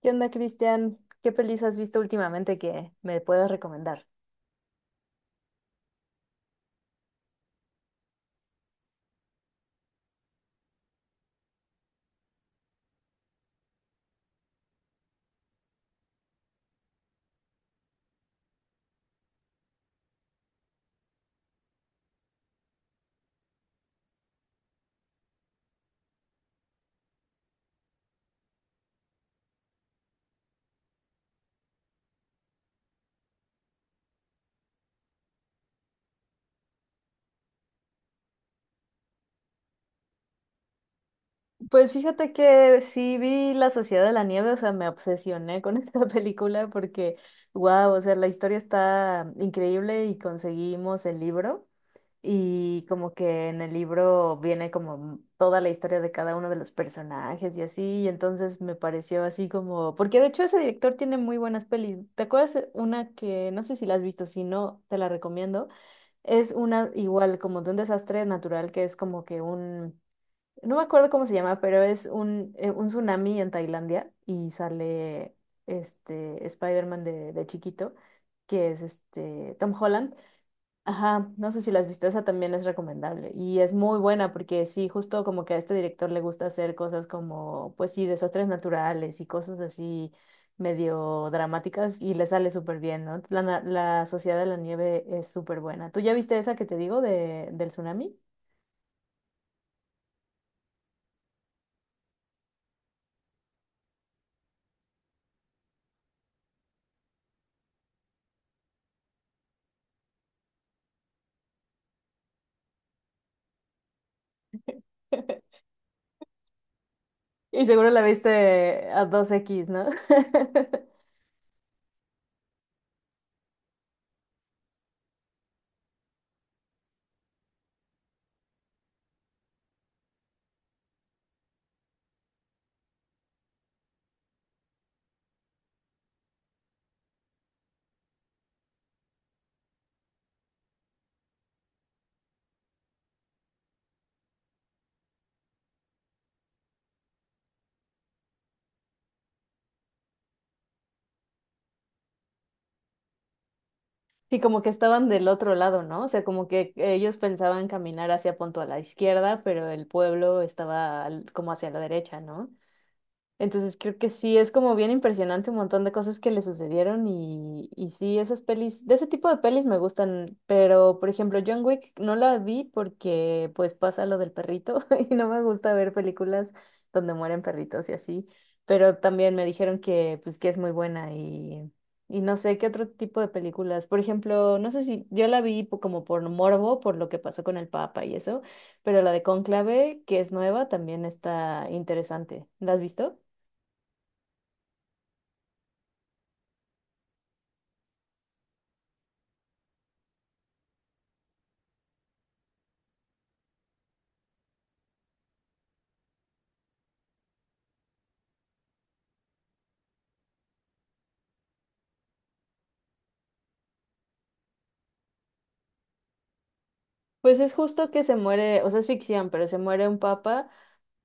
¿Qué onda, Cristian? ¿Qué pelis has visto últimamente que me puedas recomendar? Pues fíjate que sí vi La Sociedad de la Nieve, o sea, me obsesioné con esta película porque, wow, o sea, la historia está increíble y conseguimos el libro y como que en el libro viene como toda la historia de cada uno de los personajes y así, y entonces me pareció así como, porque de hecho ese director tiene muy buenas pelis. ¿Te acuerdas una que, no sé si la has visto, si no, te la recomiendo? Es una, igual, como de un desastre natural que es como que un, no me acuerdo cómo se llama, pero es un tsunami en Tailandia y sale este Spider-Man de chiquito, que es este Tom Holland. Ajá, no sé si la has visto, esa también es recomendable y es muy buena porque sí, justo como que a este director le gusta hacer cosas como, pues sí, desastres naturales y cosas así medio dramáticas y le sale súper bien, ¿no? La, la Sociedad de la Nieve es súper buena. ¿Tú ya viste esa que te digo de, del tsunami? Y seguro la viste a 2X, ¿no? Sí, como que estaban del otro lado, ¿no? O sea, como que ellos pensaban caminar hacia punto a la izquierda, pero el pueblo estaba como hacia la derecha, ¿no? Entonces creo que sí, es como bien impresionante un montón de cosas que le sucedieron y sí, esas pelis, de ese tipo de pelis me gustan, pero por ejemplo John Wick no la vi porque pues pasa lo del perrito y no me gusta ver películas donde mueren perritos y así, pero también me dijeron que pues que es muy buena y no sé qué otro tipo de películas, por ejemplo, no sé si yo la vi como por morbo, por lo que pasó con el Papa y eso, pero la de Cónclave, que es nueva, también está interesante. ¿La has visto? Pues es justo que se muere, o sea, es ficción, pero se muere un papa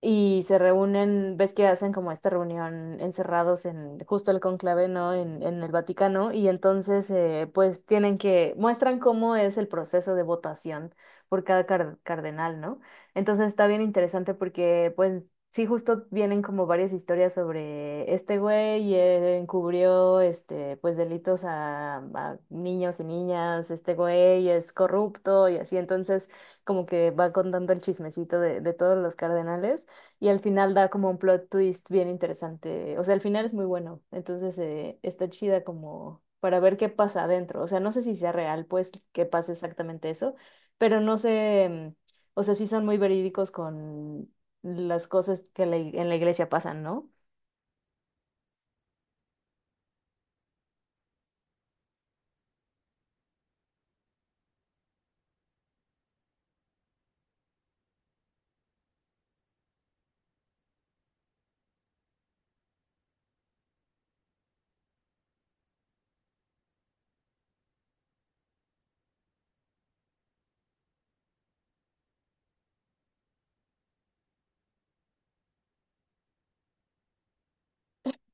y se reúnen, ves que hacen como esta reunión encerrados en justo el conclave, ¿no? En el Vaticano, y entonces pues tienen que, muestran cómo es el proceso de votación por cada cardenal, ¿no? Entonces está bien interesante porque pues sí justo vienen como varias historias sobre este güey, encubrió este pues delitos a niños y niñas, este güey es corrupto y así, entonces como que va contando el chismecito de todos los cardenales. Y al final da como un plot twist bien interesante. O sea, al final es muy bueno. Entonces está chida como para ver qué pasa adentro. O sea, no sé si sea real, pues, que pase exactamente eso. Pero no sé, mm, o sea, sí son muy verídicos con las cosas que la en la iglesia pasan, ¿no?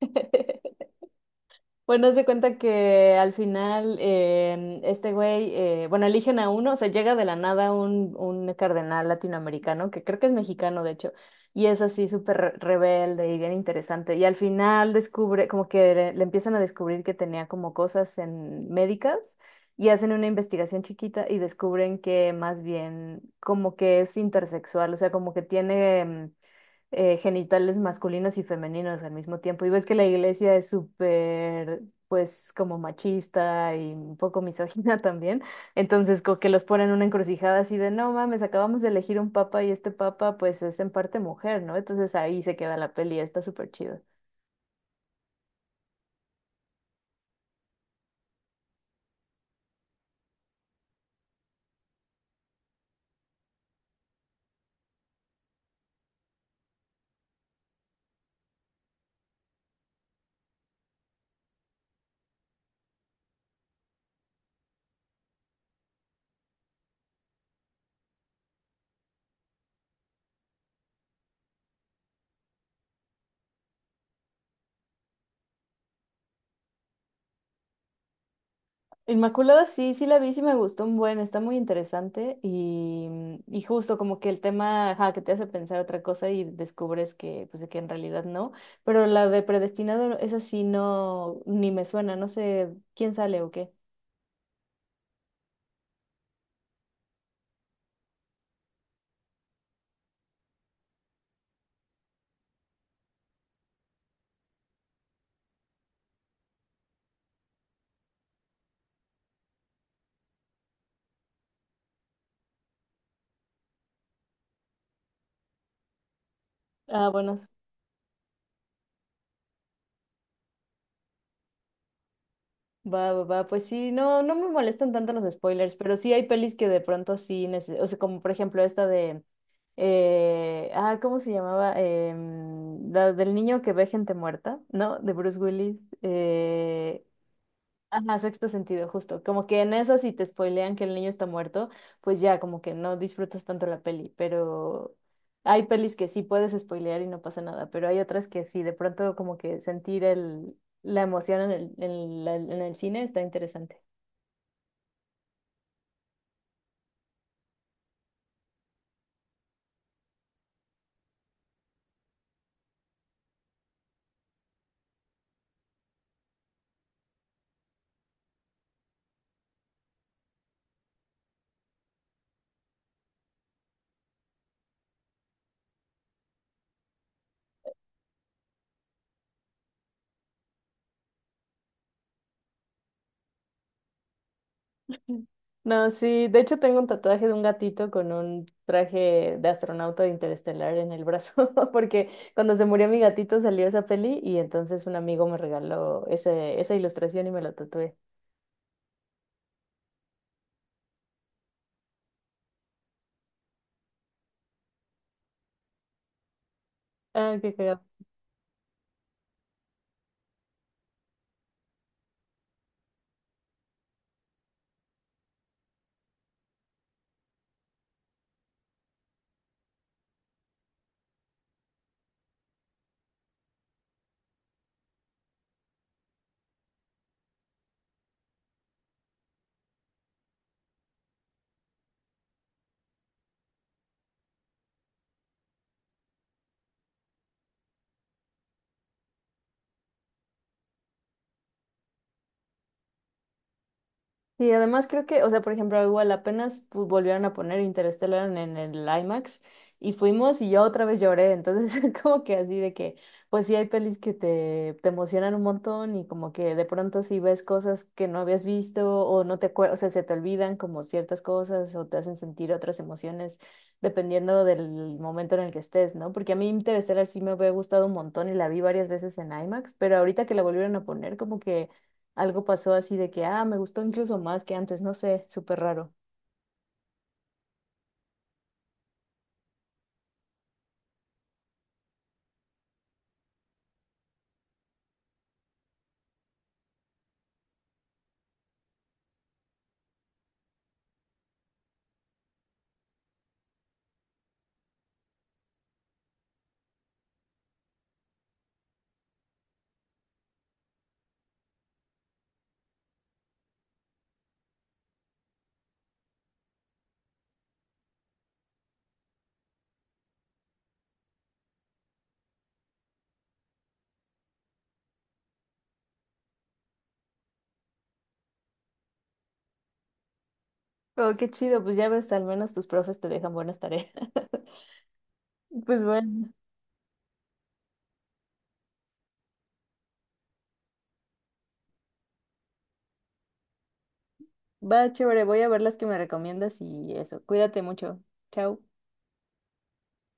Bueno, haz de cuenta que al final este güey, bueno, eligen a uno, o sea, llega de la nada un, un cardenal latinoamericano, que creo que es mexicano, de hecho, y es así súper rebelde y bien interesante. Y al final descubre, como que le empiezan a descubrir que tenía como cosas en médicas y hacen una investigación chiquita y descubren que más bien como que es intersexual, o sea, como que tiene... genitales masculinos y femeninos al mismo tiempo. Y ves que la iglesia es súper, pues, como machista y un poco misógina también. Entonces, como que los ponen en una encrucijada así de, no mames, acabamos de elegir un papa y este papa, pues, es en parte mujer, ¿no? Entonces ahí se queda la peli, está súper chido. Inmaculada, sí, sí la vi, sí me gustó un buen, está muy interesante y, mm, y justo como que el tema, ajá, que te hace pensar otra cosa y descubres que, pues, que en realidad no, pero la de predestinado, eso sí no, ni me suena, no sé quién sale o qué. Ah, bueno, va, va, va, pues sí, no, no me molestan tanto los spoilers, pero sí hay pelis que de pronto sí, o sea, como por ejemplo esta de, ¿cómo se llamaba? La del niño que ve gente muerta, ¿no? De Bruce Willis. Ajá, sexto sentido, justo. Como que en eso si te spoilean que el niño está muerto, pues ya como que no disfrutas tanto la peli, pero hay pelis que sí puedes spoilear y no pasa nada, pero hay otras que sí, de pronto como que sentir la emoción en el cine está interesante. Mm. No, sí, de hecho tengo un tatuaje de un gatito con un traje de astronauta de Interestelar en el brazo, porque cuando se murió mi gatito salió esa peli y entonces un amigo me regaló esa ilustración y me lo tatué. Ah, qué cagado. Y además creo que, o sea, por ejemplo, igual apenas pues, volvieron a poner Interstellar en el IMAX y fuimos y yo otra vez lloré, entonces es como que así de que, pues sí hay pelis que te emocionan un montón y como que de pronto si ves cosas que no habías visto o no te acuerdas, o sea, se te olvidan como ciertas cosas o te hacen sentir otras emociones dependiendo del momento en el que estés, ¿no? Porque a mí Interstellar sí me había gustado un montón y la vi varias veces en IMAX, pero ahorita que la volvieron a poner como que... Algo pasó así de que, ah, me gustó incluso más que antes, no sé, súper raro. Pero qué chido, pues ya ves, al menos tus profes te dejan buenas tareas. Pues bueno, va chévere, voy a ver las que me recomiendas y eso. Cuídate mucho. Chao.